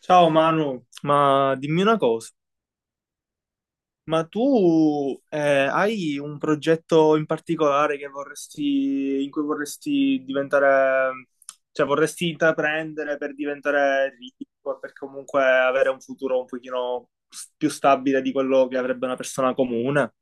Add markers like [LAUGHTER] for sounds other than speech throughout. Ciao Manu, ma dimmi una cosa, ma tu hai un progetto in particolare che vorresti, in cui vorresti diventare, cioè vorresti intraprendere per diventare ricco, e per comunque avere un futuro un pochino più stabile di quello che avrebbe una persona comune?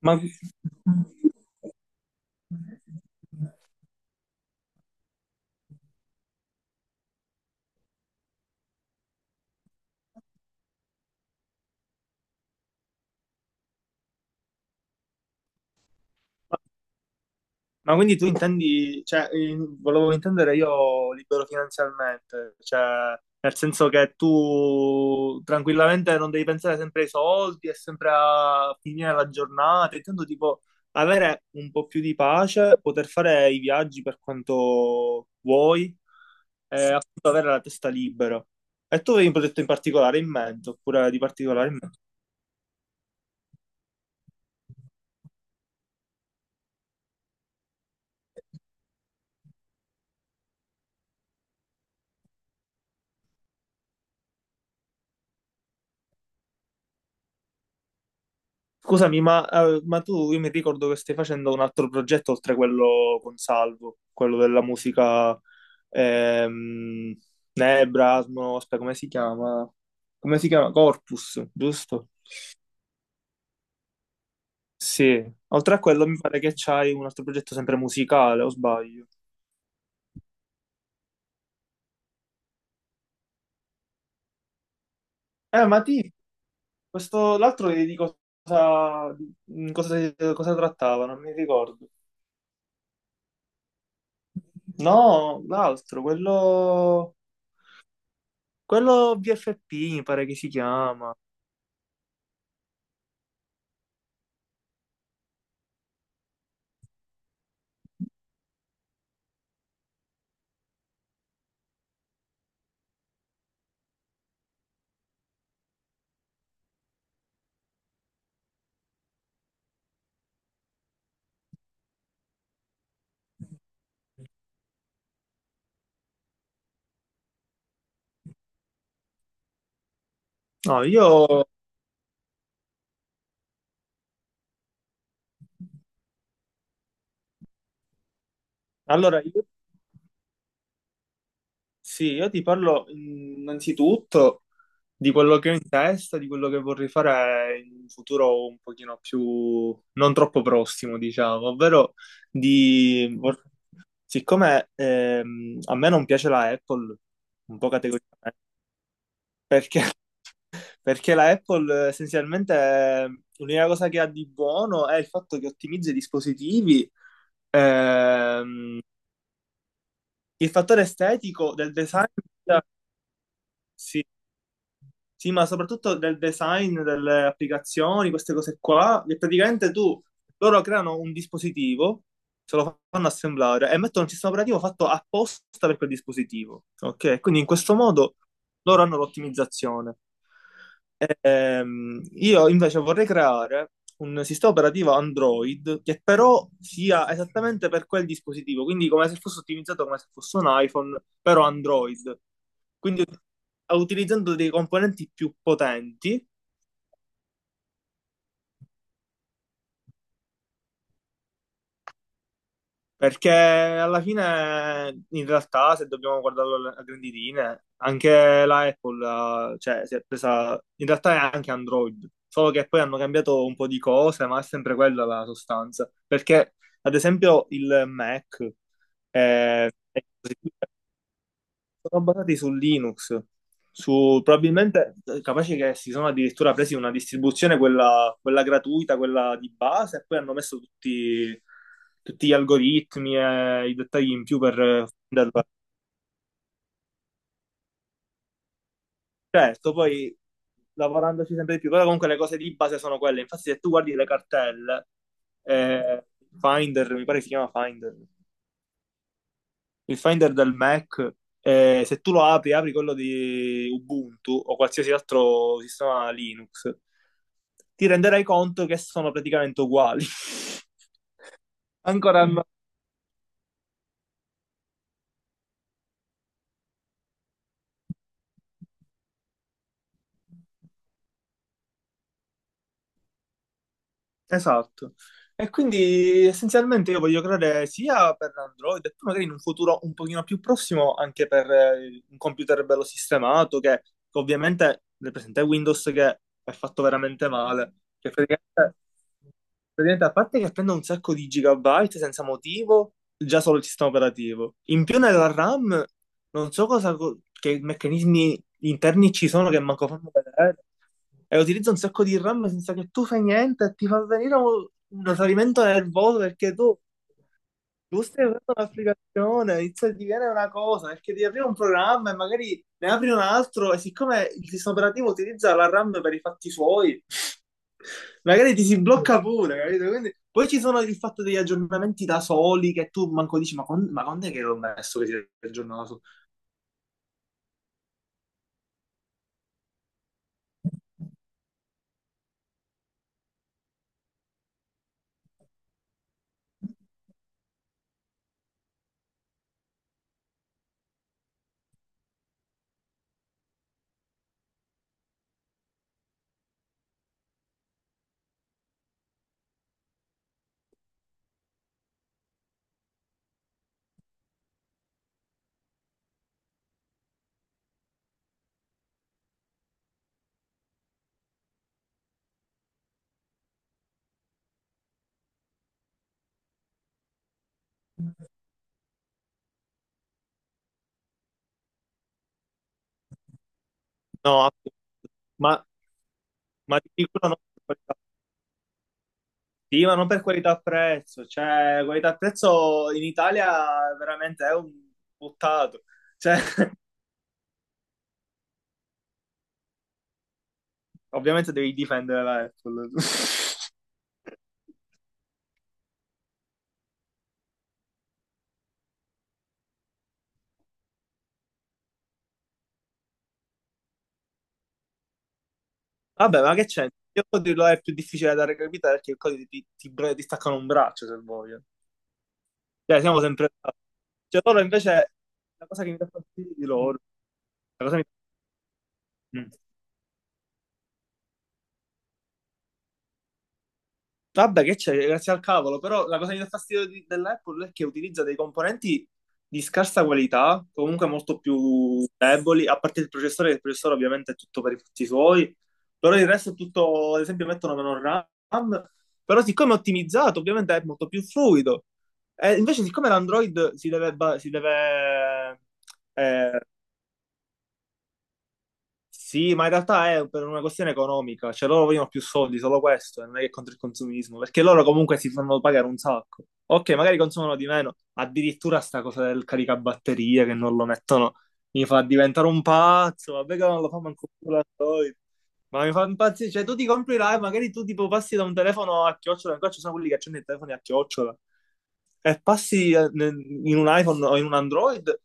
Ma... Ma quindi tu intendi, cioè, volevo intendere io libero finanzialmente, cioè, nel senso che tu tranquillamente non devi pensare sempre ai soldi e sempre a finire la giornata, intendo tipo avere un po' più di pace, poter fare i viaggi per quanto vuoi e appunto avere la testa libera. E tu avevi un progetto in particolare in mente, oppure di particolare in mente? Scusami, ma tu, io mi ricordo che stai facendo un altro progetto oltre quello con Salvo, quello della musica, ehm, Nebra, Asmo, aspetta, come si chiama? Come si chiama? Corpus, giusto? Sì. Oltre a quello mi pare che c'hai un altro progetto sempre musicale, o sbaglio? Ma ti, questo, l'altro di cosa, di cosa, cosa trattava? Non mi ricordo. No, l'altro, quello BFP mi pare che si chiama. No, io allora io, sì, io ti parlo innanzitutto di quello che ho in testa, di quello che vorrei fare in un futuro un pochino più non troppo prossimo, diciamo, ovvero di vor- siccome a me non piace la Apple, un po' categoricamente, perché, [LAUGHS] perché la Apple essenzialmente l'unica cosa che ha di buono è il fatto che ottimizza i dispositivi, ehm, il fattore estetico del design. Sì, sì, ma soprattutto del design delle applicazioni, queste cose qua, che praticamente tu, loro creano un dispositivo, se lo fanno assemblare e mettono un sistema operativo fatto apposta per quel dispositivo, ok? Quindi in questo modo loro hanno l'ottimizzazione. Io invece vorrei creare un sistema operativo Android che però sia esattamente per quel dispositivo, quindi come se fosse ottimizzato come se fosse un iPhone, però Android. Quindi utilizzando dei componenti più potenti. Perché alla fine, in realtà, se dobbiamo guardarlo a grandi linee, anche la Apple, cioè, si è presa, in realtà è anche Android, solo che poi hanno cambiato un po' di cose, ma è sempre quella la sostanza. Perché, ad esempio, il Mac è sono basati su Linux, su, probabilmente capace che si sono addirittura presi una distribuzione, quella, quella gratuita, quella di base, e poi hanno messo tutti, tutti gli algoritmi e i dettagli in più per renderla. Certo, poi lavorandoci sempre di più, però comunque le cose di base sono quelle. Infatti, se tu guardi le cartelle, eh, Finder, mi pare si chiama Finder, il Finder del Mac, se tu lo apri, apri quello di Ubuntu o qualsiasi altro sistema Linux, ti renderai conto che sono praticamente uguali. [LAUGHS] Ancora Mm. Esatto. E quindi essenzialmente io voglio creare sia per Android e poi magari in un futuro un pochino più prossimo anche per un computer bello sistemato che ovviamente nel presente è Windows, che è fatto veramente male, che praticamente, praticamente, a parte che prende un sacco di gigabyte senza motivo, già solo il sistema operativo. In più nella RAM, non so cosa, che meccanismi gli interni ci sono che manco fanno vedere. E utilizza un sacco di RAM senza che tu fai niente e ti fa venire un salimento nervoso perché tu stai usando un'applicazione, inizia a divenire una cosa, perché ti arriva un programma e magari ne apri un altro e siccome il sistema operativo utilizza la RAM per i fatti suoi, magari ti si blocca pure, capito? Quindi, poi ci sono il fatto degli aggiornamenti da soli che tu manco dici, ma, con, ma quando è che l'ho messo che si è aggiornato? No, ma, ma di sicuro no. Sì, ma non per qualità-prezzo, cioè qualità-prezzo in Italia veramente è un buttato. Cioè, [LAUGHS] ovviamente devi difendere la Apple. [LAUGHS] Vabbè, ma che c'è? Il codice lo è più difficile da recapitare perché il codice ti, ti, ti staccano un braccio se voglio. Cioè, siamo sempre là. Cioè, loro invece, la cosa che mi dà fastidio di loro, la cosa che- Mm. Vabbè, che c'è, grazie al cavolo, però la cosa che mi dà fastidio dell'Apple è che utilizza dei componenti di scarsa qualità, comunque molto più deboli, a parte il processore, che il processore ovviamente è tutto per i fatti suoi, però il resto è tutto, ad esempio mettono meno RAM, però siccome è ottimizzato ovviamente è molto più fluido. E invece siccome l'Android si deve, si deve, eh, sì, ma in realtà è per una questione economica, cioè loro vogliono più soldi, solo questo, e non è che è contro il consumismo, perché loro comunque si fanno pagare un sacco. Ok, magari consumano di meno, addirittura sta cosa del caricabatterie che non lo mettono mi fa diventare un pazzo, vabbè che non lo fa manco più l'Android, ma mi fa impazzire, cioè tu ti compri là e magari tu tipo passi da un telefono a chiocciola, ancora ci sono quelli che accendono i telefoni a chiocciola, e passi in un iPhone o in un Android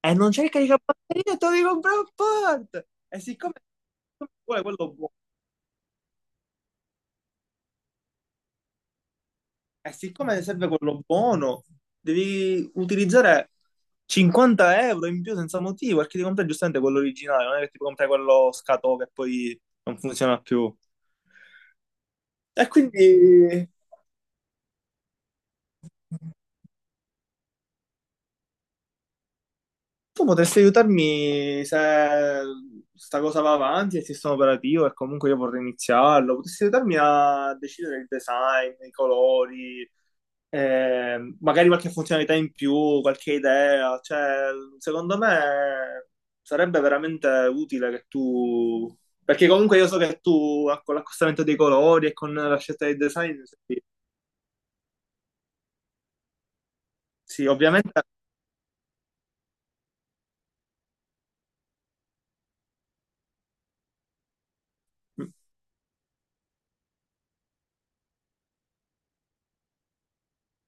e non cerca di capire, te lo devi comprare a parte. E siccome vuole quello buono, e siccome serve quello buono, devi utilizzare 50 € in più senza motivo, perché ti compri giustamente quello originale, non è che ti compri quello scatò che poi non funziona più. E quindi tu potresti aiutarmi se sta cosa va avanti, e il sistema operativo e comunque io vorrei iniziarlo, potresti aiutarmi a decidere il design, i colori, magari qualche funzionalità in più, qualche idea, cioè, secondo me sarebbe veramente utile che tu, perché comunque io so che tu con l'accostamento dei colori e con la scelta dei design, sì, sì, ovviamente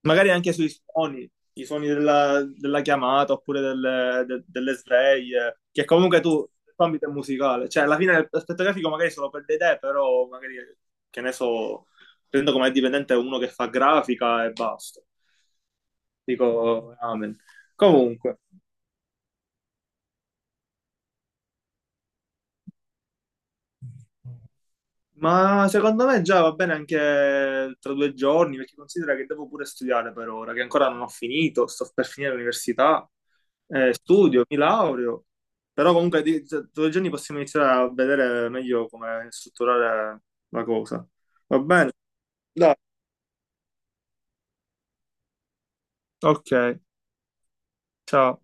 magari anche sui suoni, i suoni della, della chiamata oppure delle, delle sveglie, che comunque tu, l'ambito è musicale, cioè alla fine l'aspetto grafico magari solo per le idee, però magari, che ne so, prendo come dipendente uno che fa grafica e basta. Dico, amen. Comunque. Ma secondo me già va bene anche tra due giorni, perché considera che devo pure studiare per ora, che ancora non ho finito, sto per finire l'università, studio, mi laureo, però comunque tra due giorni possiamo iniziare a vedere meglio come strutturare la cosa. Va bene? Dai. Ok, ciao.